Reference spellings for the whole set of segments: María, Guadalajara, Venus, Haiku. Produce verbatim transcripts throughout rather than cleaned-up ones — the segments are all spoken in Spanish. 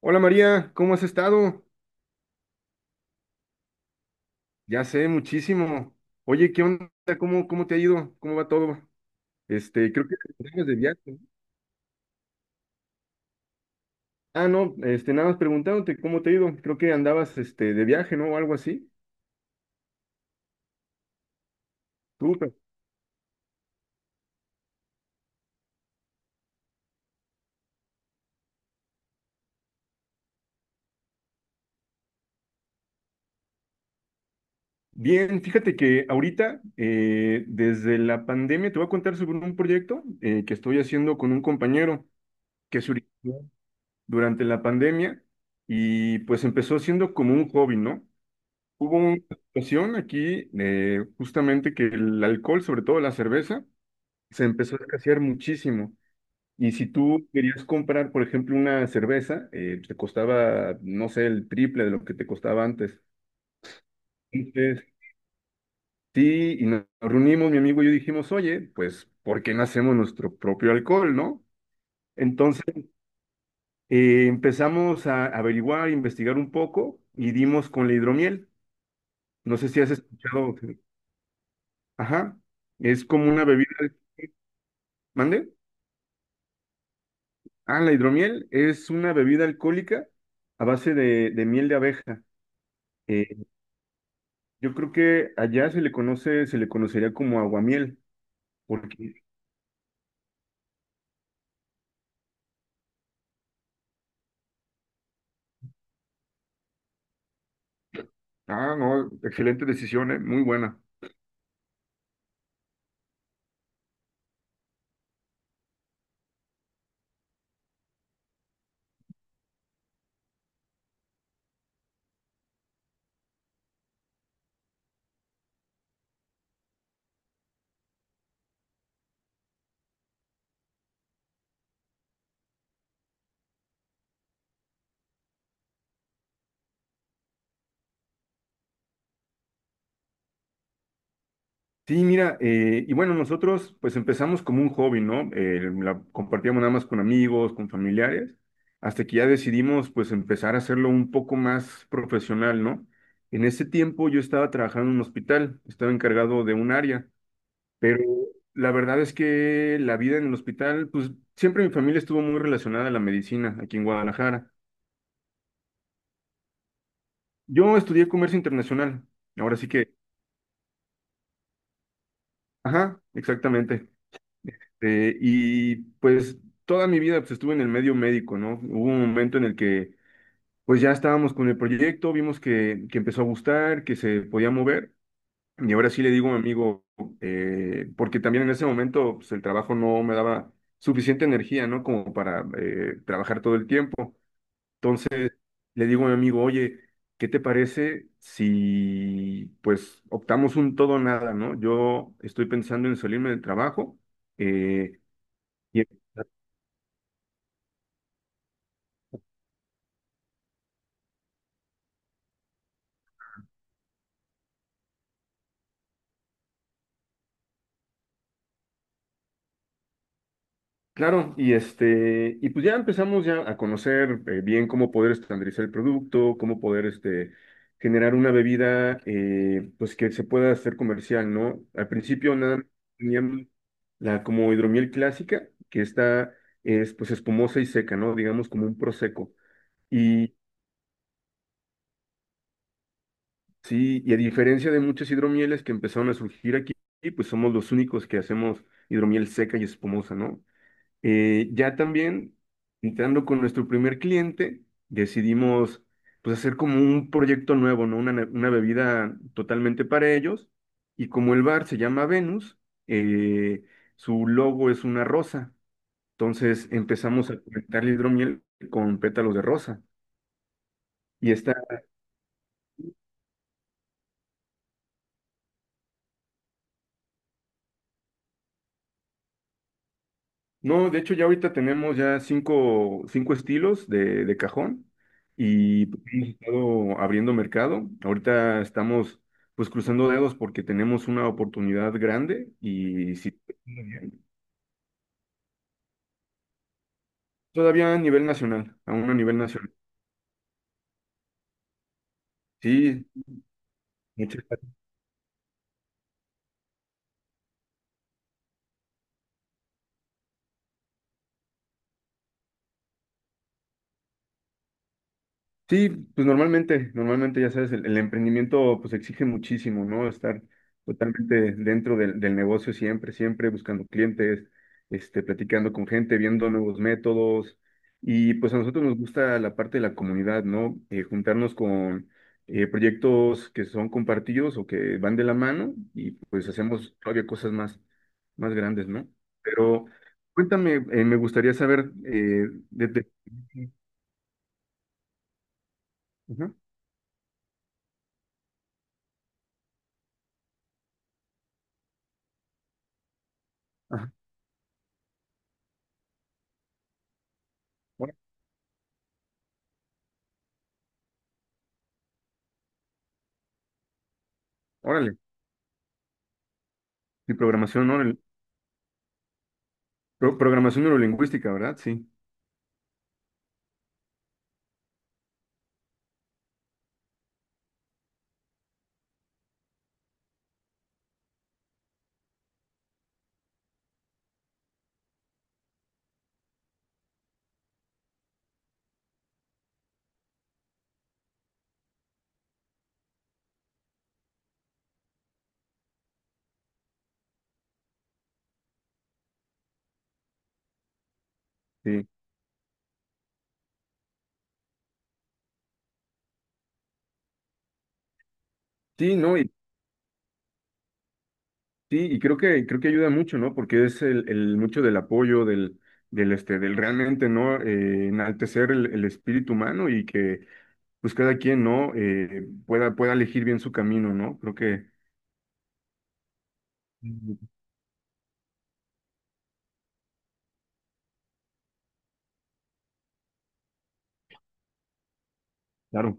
Hola María, ¿cómo has estado? Ya sé, muchísimo. Oye, ¿qué onda? ¿Cómo, cómo te ha ido? ¿Cómo va todo? Este, creo que andabas de viaje, ¿no? Ah, no, este, nada más preguntándote cómo te ha ido. Creo que andabas, este, de viaje, ¿no? O algo así. Súper. Bien, fíjate que ahorita, eh, desde la pandemia, te voy a contar sobre un proyecto eh, que estoy haciendo con un compañero que surgió durante la pandemia y pues empezó siendo como un hobby, ¿no? Hubo una situación aquí de justamente que el alcohol, sobre todo la cerveza, se empezó a escasear muchísimo. Y si tú querías comprar, por ejemplo, una cerveza, eh, te costaba, no sé, el triple de lo que te costaba antes. Entonces, sí, y nos reunimos, mi amigo y yo dijimos, oye, pues, ¿por qué no hacemos nuestro propio alcohol, no? Entonces, eh, empezamos a averiguar, investigar un poco y dimos con la hidromiel. No sé si has escuchado. Ajá, es como una bebida. ¿Mande? Ah, la hidromiel es una bebida alcohólica a base de, de miel de abeja. Eh, yo creo que allá se le conoce, se le conocería como aguamiel, porque, ah, no, excelente decisión, eh, muy buena. Sí, mira, eh, y bueno, nosotros pues empezamos como un hobby, ¿no? Eh, la compartíamos nada más con amigos, con familiares, hasta que ya decidimos pues empezar a hacerlo un poco más profesional, ¿no? En ese tiempo yo estaba trabajando en un hospital, estaba encargado de un área. Pero la verdad es que la vida en el hospital, pues siempre mi familia estuvo muy relacionada a la medicina aquí en Guadalajara. Yo estudié comercio internacional, ahora sí que, ajá, exactamente. Eh, y pues toda mi vida pues, estuve en el medio médico, ¿no? Hubo un momento en el que pues ya estábamos con el proyecto, vimos que, que empezó a gustar, que se podía mover. Y ahora sí le digo a mi amigo, eh, porque también en ese momento pues, el trabajo no me daba suficiente energía, ¿no? Como para eh, trabajar todo el tiempo. Entonces le digo a mi amigo, oye, ¿qué te parece si pues optamos un todo o nada, ¿no? Yo estoy pensando en salirme del trabajo. eh, y, claro, y este, y pues ya empezamos ya a conocer eh, bien cómo poder estandarizar el producto, cómo poder este, generar una bebida eh, pues que se pueda hacer comercial, ¿no? Al principio nada más teníamos la como hidromiel clásica, que está es pues espumosa y seca, ¿no? Digamos como un prosecco. Sí, y a diferencia de muchas hidromieles que empezaron a surgir aquí, pues somos los únicos que hacemos hidromiel seca y espumosa, ¿no? Eh, ya también, entrando con nuestro primer cliente, decidimos pues hacer como un proyecto nuevo, ¿no? Una, ne- una bebida totalmente para ellos. Y como el bar se llama Venus, eh, su logo es una rosa. Entonces empezamos a conectar la hidromiel con pétalos de rosa. Y esta No, de hecho ya ahorita tenemos ya cinco, cinco estilos de, de cajón y pues, hemos estado abriendo mercado. Ahorita estamos pues cruzando dedos porque tenemos una oportunidad grande y si todavía a nivel nacional, aún a nivel nacional. Sí, muchas Sí, pues normalmente, normalmente ya sabes, el, el emprendimiento pues exige muchísimo, ¿no? Estar totalmente dentro del, del negocio siempre, siempre buscando clientes, este, platicando con gente, viendo nuevos métodos. Y pues a nosotros nos gusta la parte de la comunidad, ¿no? Eh, juntarnos con eh, proyectos que son compartidos o que van de la mano y pues hacemos todavía cosas más, más grandes, ¿no? Pero cuéntame, eh, me gustaría saber eh, de... de- Ujú. Ajá. Órale. Y programación, ¿no? El- pro- programación neurolingüística, ¿verdad? Sí, sí. Sí, no, y sí, y creo que, creo que ayuda mucho, ¿no? Porque es el, el mucho del apoyo, del, del este, del realmente, ¿no? Eh, enaltecer el, el espíritu humano y que pues cada quien, ¿no? Eh, pueda, pueda elegir bien su camino, ¿no? Creo que, Mm, claro.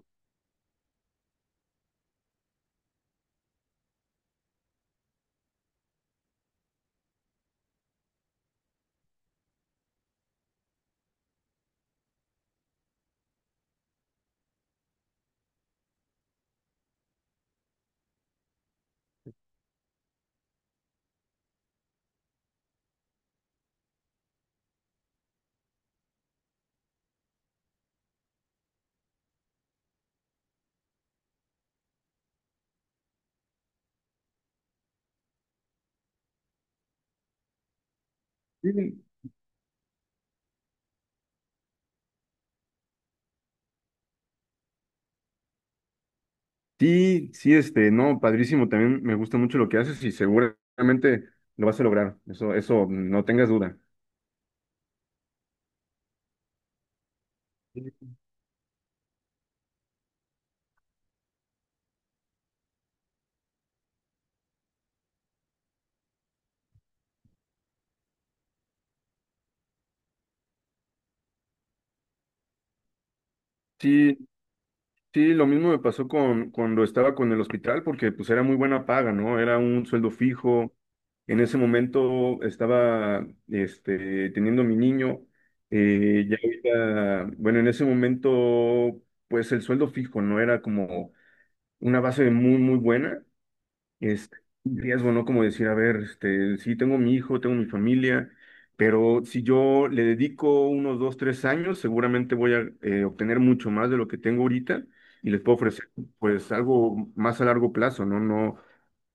Sí, sí, sí, este, no, padrísimo, también me gusta mucho lo que haces y seguramente lo vas a lograr. Eso, eso, no tengas duda. Sí, Sí, lo mismo me pasó con cuando estaba con el hospital, porque pues era muy buena paga, ¿no? Era un sueldo fijo. En ese momento estaba este, teniendo mi niño. Eh, ya ahorita, bueno, en ese momento, pues el sueldo fijo no era como una base muy, muy buena este, riesgo, ¿no? Como decir, a ver, este, sí, tengo mi hijo, tengo mi familia, pero si yo le dedico unos dos, tres años, seguramente voy a eh, obtener mucho más de lo que tengo ahorita y les puedo ofrecer, pues, algo más a largo plazo, ¿no? No,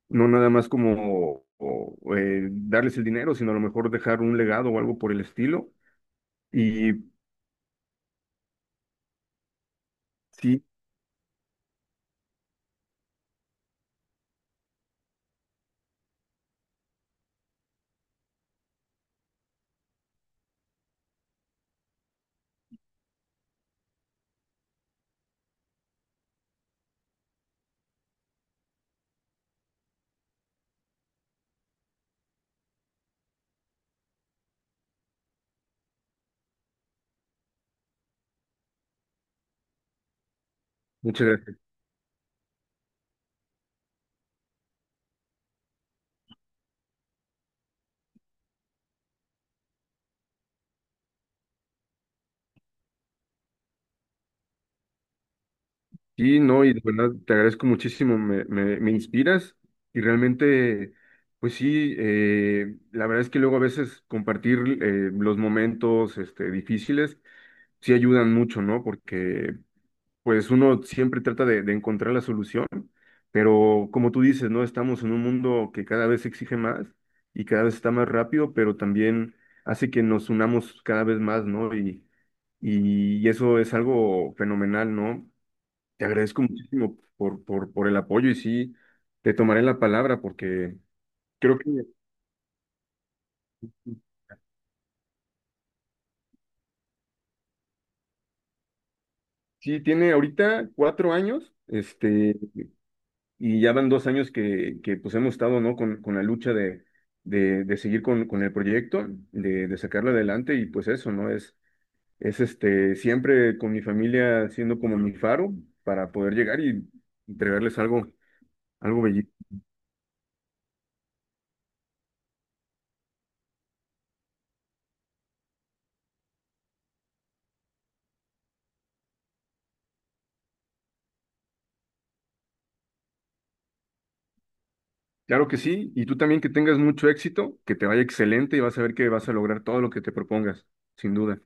no nada más como o, eh, darles el dinero, sino a lo mejor dejar un legado o algo por el estilo. Y sí, muchas gracias. Sí, no, y de verdad te agradezco muchísimo, me, me, me inspiras y realmente, pues sí, eh, la verdad es que luego a veces compartir eh, los momentos este, difíciles sí ayudan mucho, ¿no? Porque pues uno siempre trata de, de encontrar la solución, pero como tú dices, ¿no? Estamos en un mundo que cada vez exige más y cada vez está más rápido, pero también hace que nos unamos cada vez más, ¿no? Y, y eso es algo fenomenal, ¿no? Te agradezco muchísimo por, por, por el apoyo y sí, te tomaré la palabra porque creo que sí tiene ahorita cuatro años, este, y ya van dos años que, que pues hemos estado, ¿no? Con, con la lucha de, de, de seguir con, con el proyecto, de, de sacarlo adelante y pues eso, ¿no? Es, es este, siempre con mi familia siendo como mi faro para poder llegar y entregarles algo, algo bello. Claro que sí, y tú también que tengas mucho éxito, que te vaya excelente y vas a ver que vas a lograr todo lo que te propongas, sin duda.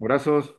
Abrazos.